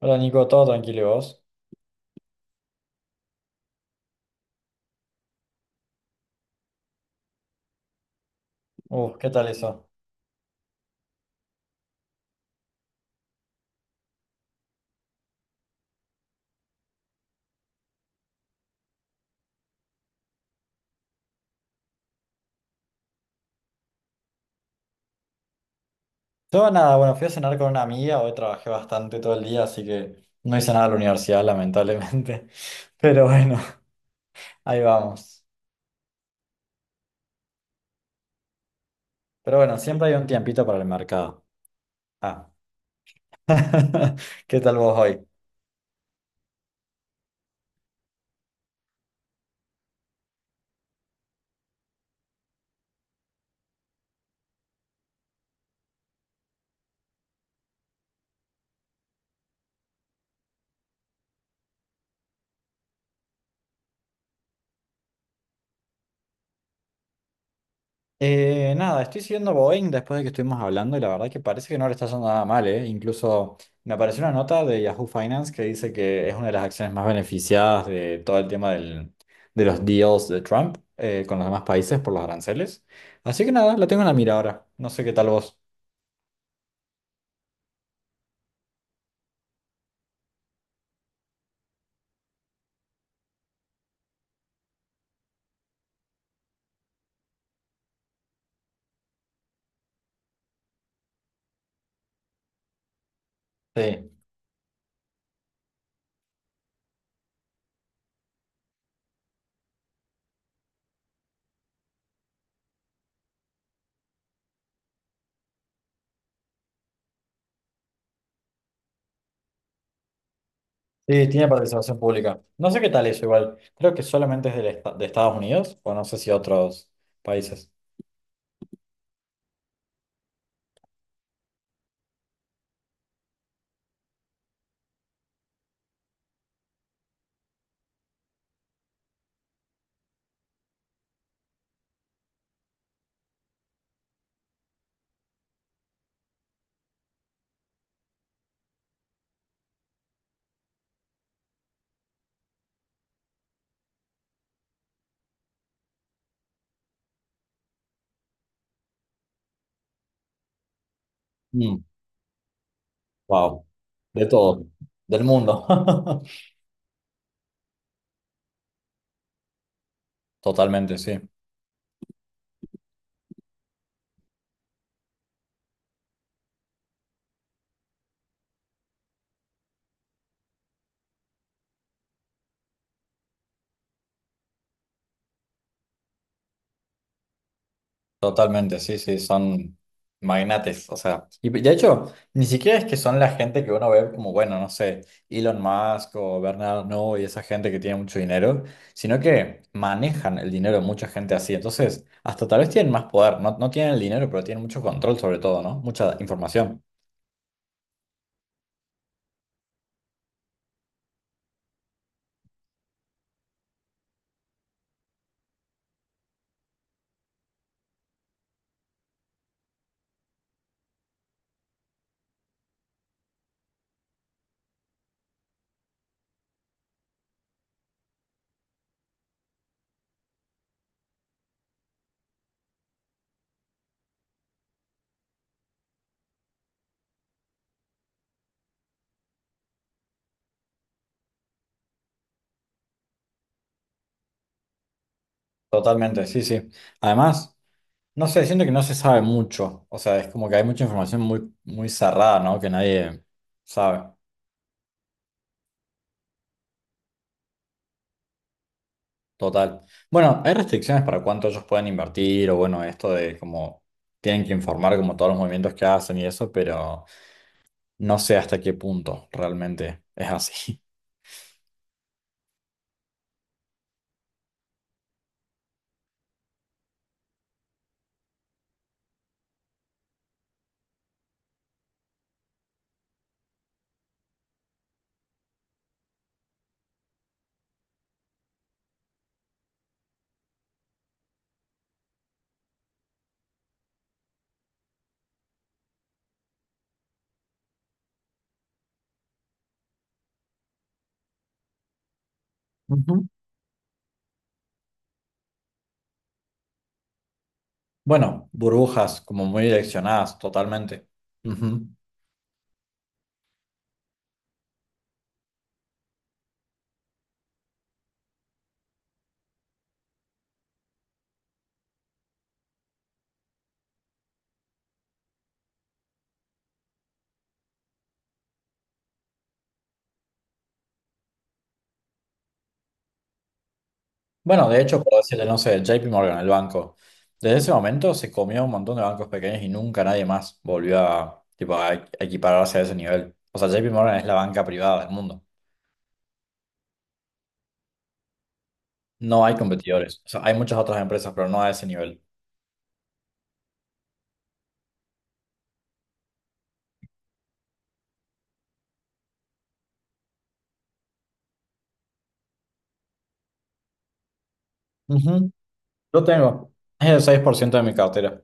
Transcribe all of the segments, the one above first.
Hola Nico, todo tranquilo, ¿y vos? Uf, ¿qué tal eso? Yo nada, bueno, fui a cenar con una amiga, hoy trabajé bastante todo el día, así que no hice nada de la universidad, lamentablemente. Pero bueno, ahí vamos. Pero bueno, siempre hay un tiempito para el mercado. Ah. ¿Qué tal vos hoy? Nada, estoy siguiendo Boeing después de que estuvimos hablando y la verdad que parece que no le está yendo nada mal, ¿eh? Incluso me apareció una nota de Yahoo Finance que dice que es una de las acciones más beneficiadas de todo el tema de los deals de Trump con los demás países por los aranceles. Así que nada, la tengo en la mira ahora. No sé qué tal vos. Sí, sí, tiene participación pública. No sé qué tal eso igual. Creo que solamente es de Estados Unidos o no sé si otros países. Mm, wow, de todo, del mundo. Totalmente, sí. Totalmente, sí, sí, son magnates, o sea, y de hecho, ni siquiera es que son la gente que uno ve como, bueno, no sé, Elon Musk o Bernard Arnault y esa gente que tiene mucho dinero, sino que manejan el dinero de mucha gente así, entonces, hasta tal vez tienen más poder, no, no tienen el dinero, pero tienen mucho control sobre todo, ¿no? Mucha información. Totalmente, sí, sí. Además, no sé, siento que no se sabe mucho, o sea, es como que hay mucha información muy, muy cerrada, ¿no? Que nadie sabe. Total. Bueno, hay restricciones para cuánto ellos pueden invertir o bueno, esto de como tienen que informar como todos los movimientos que hacen y eso, pero no sé hasta qué punto realmente es así. Ujú. Bueno, burbujas como muy direccionadas totalmente. Ujú. Bueno, de hecho, puedo decirle, no sé, JP Morgan, el banco, desde ese momento se comió un montón de bancos pequeños y nunca nadie más volvió a, tipo, a equipararse a ese nivel. O sea, JP Morgan es la banca privada del mundo. No hay competidores. O sea, hay muchas otras empresas, pero no a ese nivel. Ujú. Yo tengo es el 6% de mi cartera.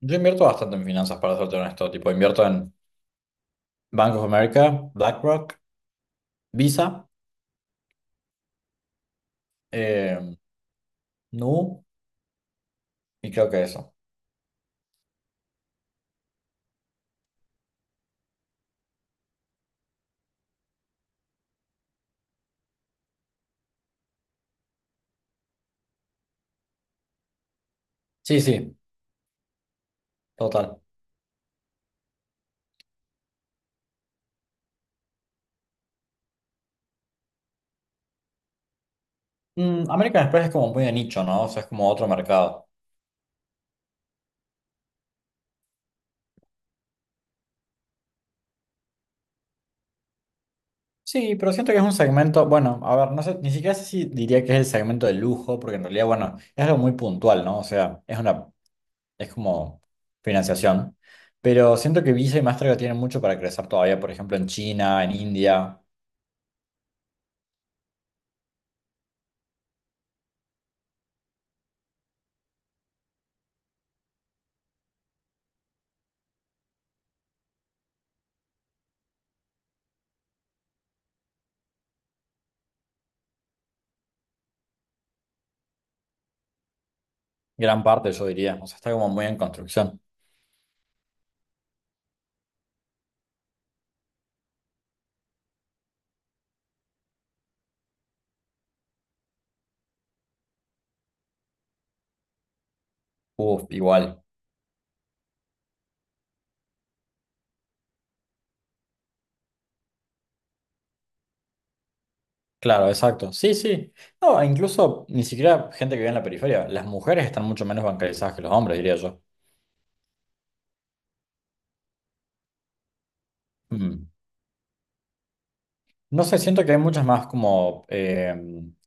Yo invierto bastante en finanzas, para serte honesto. Tipo, invierto en Bank of America, BlackRock, Visa, eh, Nu y creo que eso. Sí, sí, total. Mm, American Express es como muy de nicho, ¿no? O sea, es como otro mercado. Sí, pero siento que es un segmento, bueno, a ver, no sé, ni siquiera sé si diría que es el segmento de lujo, porque en realidad, bueno, es algo muy puntual, ¿no? O sea, es una es como financiación. Pero siento que Visa y Mastercard tienen mucho para crecer todavía, por ejemplo, en China, en India, gran parte, yo diría. O sea, está como muy en construcción. Uf, igual. Claro, exacto. Sí, sí. No, e incluso ni siquiera gente que vive en la periferia. Las mujeres están mucho menos bancarizadas que los hombres, diría yo. Mm. No sé, siento que hay muchas más como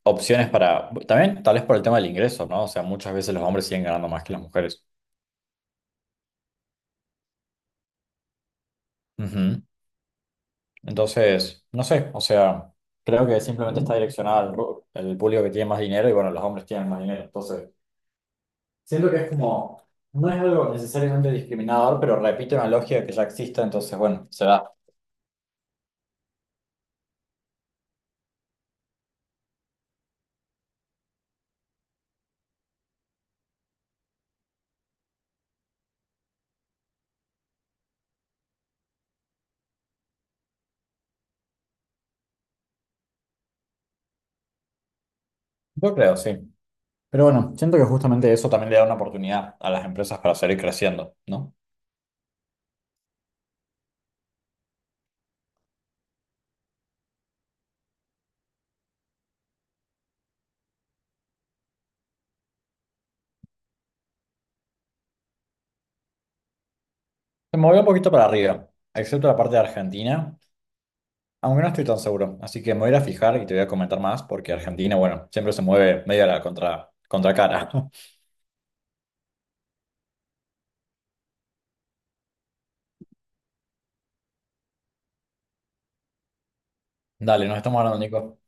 opciones para... También tal vez por el tema del ingreso, ¿no? O sea, muchas veces los hombres siguen ganando más que las mujeres. Ujú. Entonces, no sé, o sea, creo que simplemente está direccionada al el público que tiene más dinero y bueno, los hombres tienen más dinero. Entonces, siento que es como, no es algo necesariamente discriminador, pero repite una lógica que ya existe, entonces, bueno, se da. Yo creo, sí. Pero bueno, siento que justamente eso también le da una oportunidad a las empresas para seguir creciendo, ¿no? Se movió un poquito para arriba, excepto la parte de Argentina, aunque no estoy tan seguro. Así que me voy a ir a fijar y te voy a comentar más, porque Argentina, bueno, siempre se mueve medio a la contra, contracara. Dale, nos estamos hablando, Nico.